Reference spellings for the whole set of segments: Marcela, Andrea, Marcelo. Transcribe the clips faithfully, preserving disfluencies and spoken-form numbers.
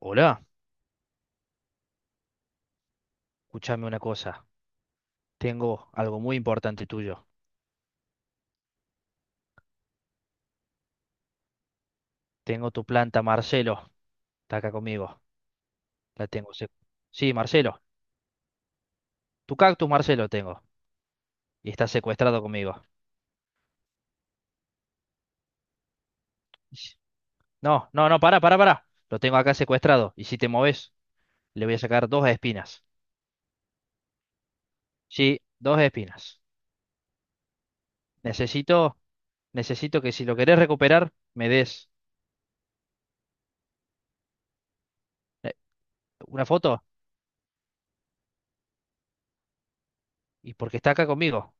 Hola, escúchame una cosa. Tengo algo muy importante tuyo. Tengo tu planta, Marcelo. Está acá conmigo. La tengo. sec- Sí, Marcelo. Tu cactus, Marcelo, tengo. Y está secuestrado conmigo. Y si- No, no, no, pará, pará, pará. Lo tengo acá secuestrado. Y si te moves, le voy a sacar dos espinas. Sí, dos espinas. Necesito, necesito que si lo querés recuperar, me des eh, una foto. Y porque está acá conmigo.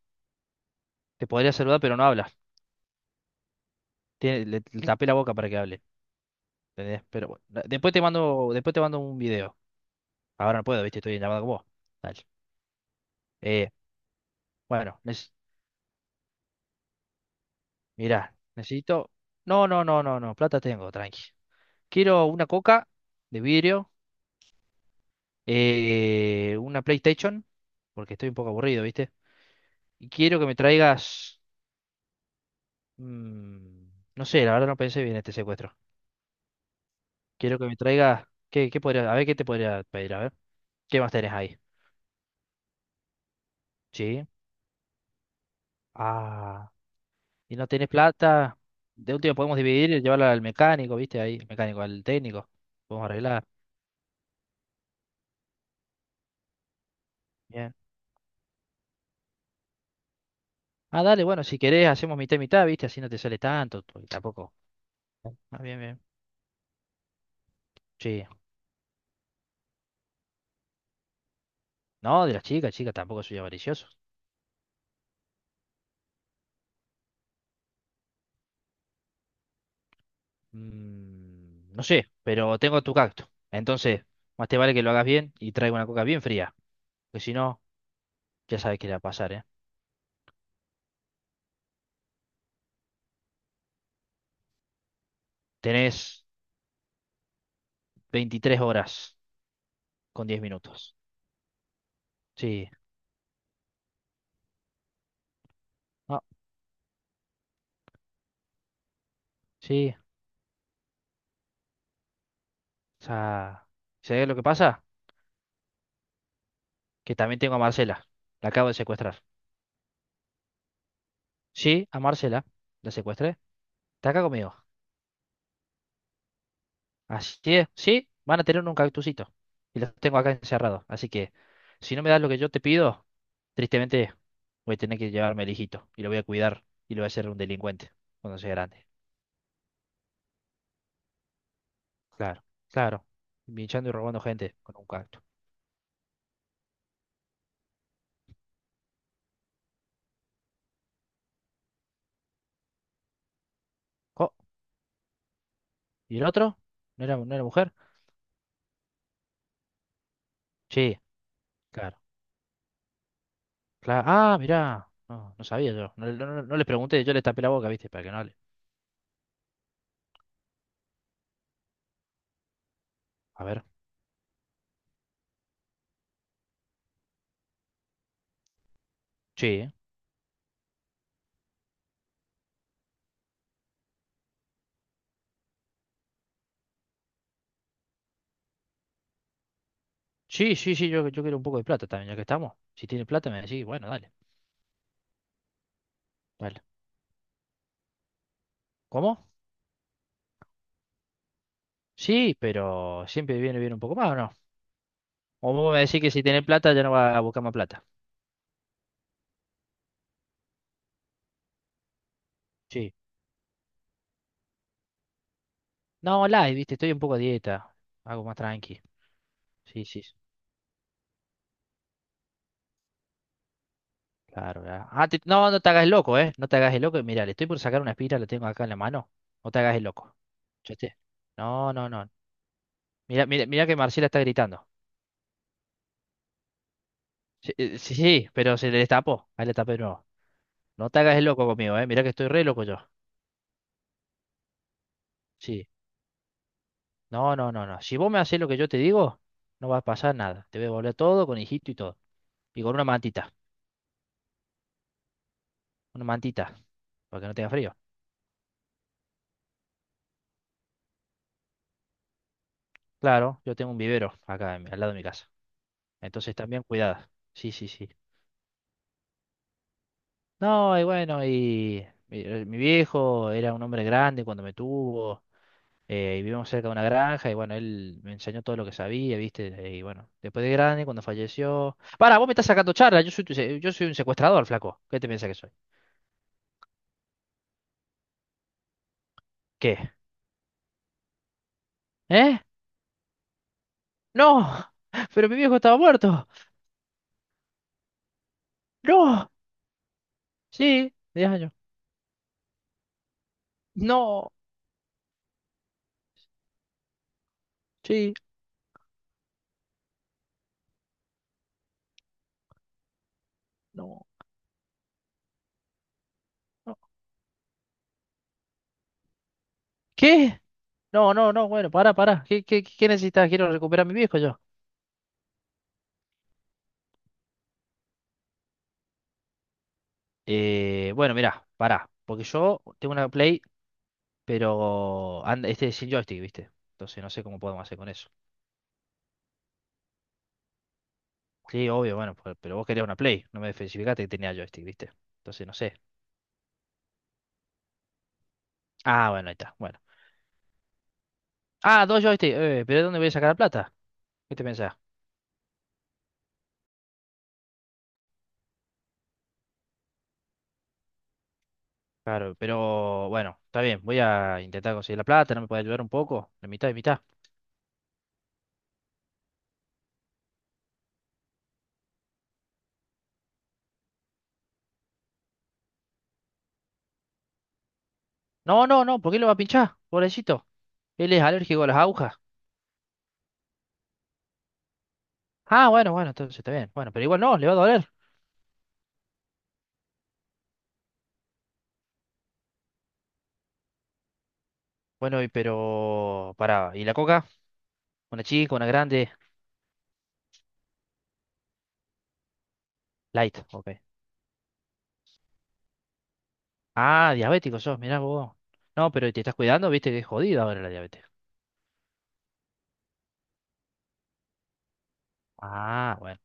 Te podría saludar, pero no habla. Tiene- le le tapé la boca para que hable. ¿Entendés? Pero bueno, na- después te mando, después te mando un video. Ahora no puedo, viste, estoy en llamada con vos. Dale. Eh, bueno, neces- mirá, necesito. No, no, no, no, no. Plata tengo, tranqui. Quiero una coca de vidrio, eh, una PlayStation, porque estoy un poco aburrido, ¿viste? Y quiero que me traigas. mm, no sé, la verdad no pensé bien este secuestro. Quiero que me traigas. ¿Qué, qué podría, a ver qué te podría pedir, a ver. ¿Qué más tenés ahí? Sí. Ah. Y no tenés plata, de último podemos dividir y llevarla al mecánico, ¿viste? Ahí, el mecánico, al técnico. Podemos arreglar. Bien. Ah, dale, bueno, si querés hacemos mitad y mitad, ¿viste? Así no te sale tanto, porque tampoco. Ah, bien, bien. Sí. No, de las chicas, chicas, tampoco soy avaricioso. Mm, no sé, pero tengo tu cacto. Entonces, más te vale que lo hagas bien y traiga una coca bien fría. Porque si no, ya sabes qué le va a pasar, ¿eh? Tenés veintitrés horas con diez minutos. Sí. No, sí. O sea, ¿sabés lo que pasa? Que también tengo a Marcela. La acabo de secuestrar. Sí, a Marcela. La secuestré. Está acá conmigo. Así es. Sí, van a tener un cactusito. Y los tengo acá encerrados. Así que, si no me das lo que yo te pido, tristemente voy a tener que llevarme al hijito. Y lo voy a cuidar. Y lo voy a hacer un delincuente cuando sea grande. Claro, claro. Pinchando y robando gente con un cactus. Co- ¿Y el otro? ¿No era, no era mujer? Sí, claro. Claro. Ah, mirá. No, no sabía yo. No, no, no- no les pregunté. Yo les tapé la boca, ¿viste? Para que no hable. A ver. Sí. Sí, sí, sí, yo, yo quiero un poco de plata también, ya que estamos. Si tiene plata me decís, bueno, dale, dale. ¿Cómo? Sí, pero siempre viene bien un poco más, ¿o no? O vos me decís que si tiene plata ya no va a buscar más plata. Sí. No, live, viste, estoy un poco a dieta. Algo más tranqui. Sí, sí, sí, claro. Ya. Ah, te- no, no te hagas el loco, ¿eh? No te hagas el loco. Mira, le estoy por sacar una espira, la tengo acá en la mano. No te hagas el loco. ¿Escuchaste? No, no, no. Mira, mira, mira que Marcela está gritando. Sí, eh, sí, sí, pero se le destapó. Ahí le tapé de nuevo. No te hagas el loco conmigo, ¿eh? Mira que estoy re loco yo. Sí. No, no, no, no. Si vos me haces lo que yo te digo, no va a pasar nada. Te voy a devolver todo con hijito y todo. Y con una mantita. Una mantita. Para que no tenga frío. Claro, yo tengo un vivero acá en- al lado de mi casa. Entonces también cuidada. Sí, sí, sí. No, y bueno, y mi, eh, mi viejo era un hombre grande cuando me tuvo. Eh, y vivimos cerca de una granja. Y bueno, él me enseñó todo lo que sabía, ¿viste? Y bueno, después de grande, cuando falleció. Para, vos me estás sacando charla. Yo soy, tu se- yo soy un secuestrador, flaco. ¿Qué te piensas que soy? ¿Qué? ¿Eh? No, pero mi viejo estaba muerto. No, sí, diez años. No, sí, no, no. ¿Qué? No, no, no, bueno, pará, pará. ¿Qué, qué, qué necesitas? Quiero recuperar a mi viejo yo. Eh, bueno, mirá, pará. Porque yo tengo una Play, pero anda, este es sin joystick, ¿viste? Entonces no sé cómo podemos hacer con eso. Sí, obvio, bueno, pero, pero vos querías una Play. No me especificaste que tenía joystick, ¿viste? Entonces no sé. Ah, bueno, ahí está, bueno. Ah, dos joysticks. Eh, pero ¿de dónde voy a sacar la plata? ¿Qué te pensás? Claro, pero bueno, está bien, voy a intentar conseguir la plata, ¿no me puede ayudar un poco? La mitad y mitad. No, no, no, ¿por qué lo va a pinchar? Pobrecito, él es alérgico a las agujas. Ah, bueno, bueno, entonces está bien. Bueno, pero igual no, le va a doler. Bueno, y pero... Pará, ¿y la coca? Una chica, una grande, light, ok. Ah, diabético sos, mirá vos. No, pero te estás cuidando, viste que es jodido ahora la diabetes. Ah, bueno,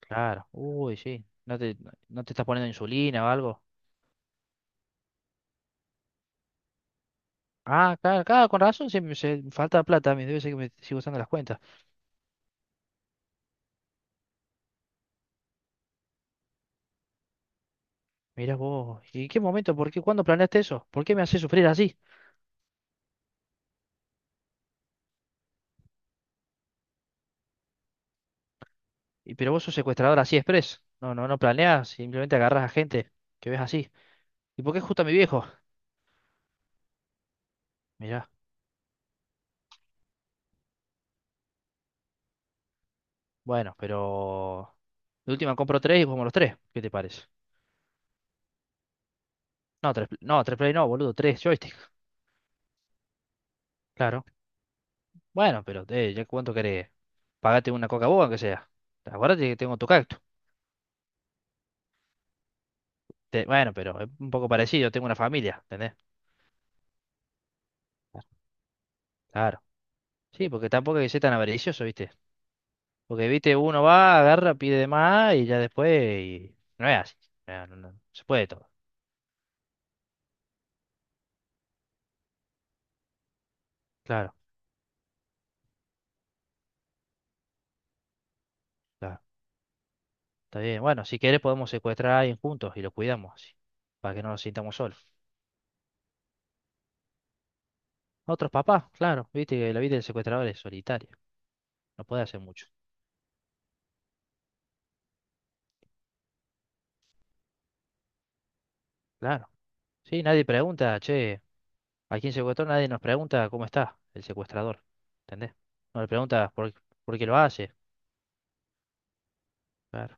claro. Uy, sí, no te, no te estás poniendo insulina o algo. Ah, claro, claro, con razón, siempre se, me falta plata, a mí debe ser que me sigo usando las cuentas. Mirá vos, ¿y qué momento? ¿Por qué? ¿Cuándo planeaste eso? ¿Por qué me haces sufrir así? Y pero vos sos secuestrador así express. No, no, no planeas, simplemente agarras a gente que ves así. ¿Y por qué justo a mi viejo? Mirá, bueno, pero de última compro tres y jugamos los tres. ¿Qué te parece? No, tres, pl- no, tres play no, boludo, tres joystick. Claro. Bueno, pero eh, ya cuánto querés. Pagate una Coca-Cola, que sea. Acuérdate que tengo tu cactus. Te- bueno, pero es un poco parecido, tengo una familia, ¿entendés? Claro. Sí, porque tampoco hay que ser tan avaricioso, ¿viste? Porque, viste, uno va, agarra, pide de más y ya después y no es así. No, no, no, se puede todo. Claro, claro. Está bien. Bueno, si quieres podemos secuestrar a alguien juntos y lo cuidamos así, para que no nos sintamos solos. Otros papás, claro. Viste que la vida del secuestrador es solitaria. No puede hacer mucho. Claro. Sí, nadie pregunta, che, ¿a quién secuestró? Nadie nos pregunta cómo está el secuestrador. ¿Entendés? No le preguntas por, por qué lo hace. Claro.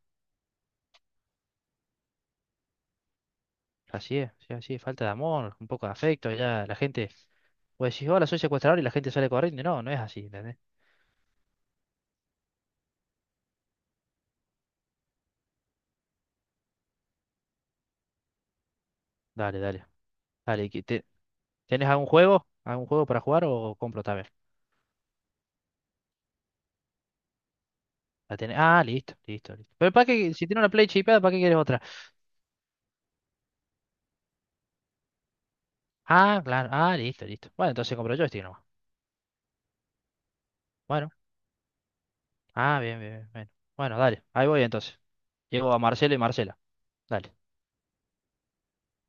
Así es, sí, así es. Falta de amor, un poco de afecto. Ya la gente pues decís, hola, soy secuestrador y la gente sale corriendo. No, no es así, ¿entendés? Dale, dale. Dale, que te- ¿tenés algún juego? ¿Algún juego para jugar o compro también? La tenés- Ah, listo, listo, listo. Pero para qué, si tiene una Play chipeada, ¿para qué quieres otra? Ah, claro, ah, listo, listo. Bueno, entonces compro joystick nomás. Bueno, ah, bien, bien, bien. Bueno, Bueno, dale, ahí voy entonces. Llego a Marcelo y Marcela. Dale,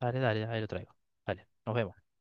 dale, dale, ahí lo traigo. Dale, nos vemos.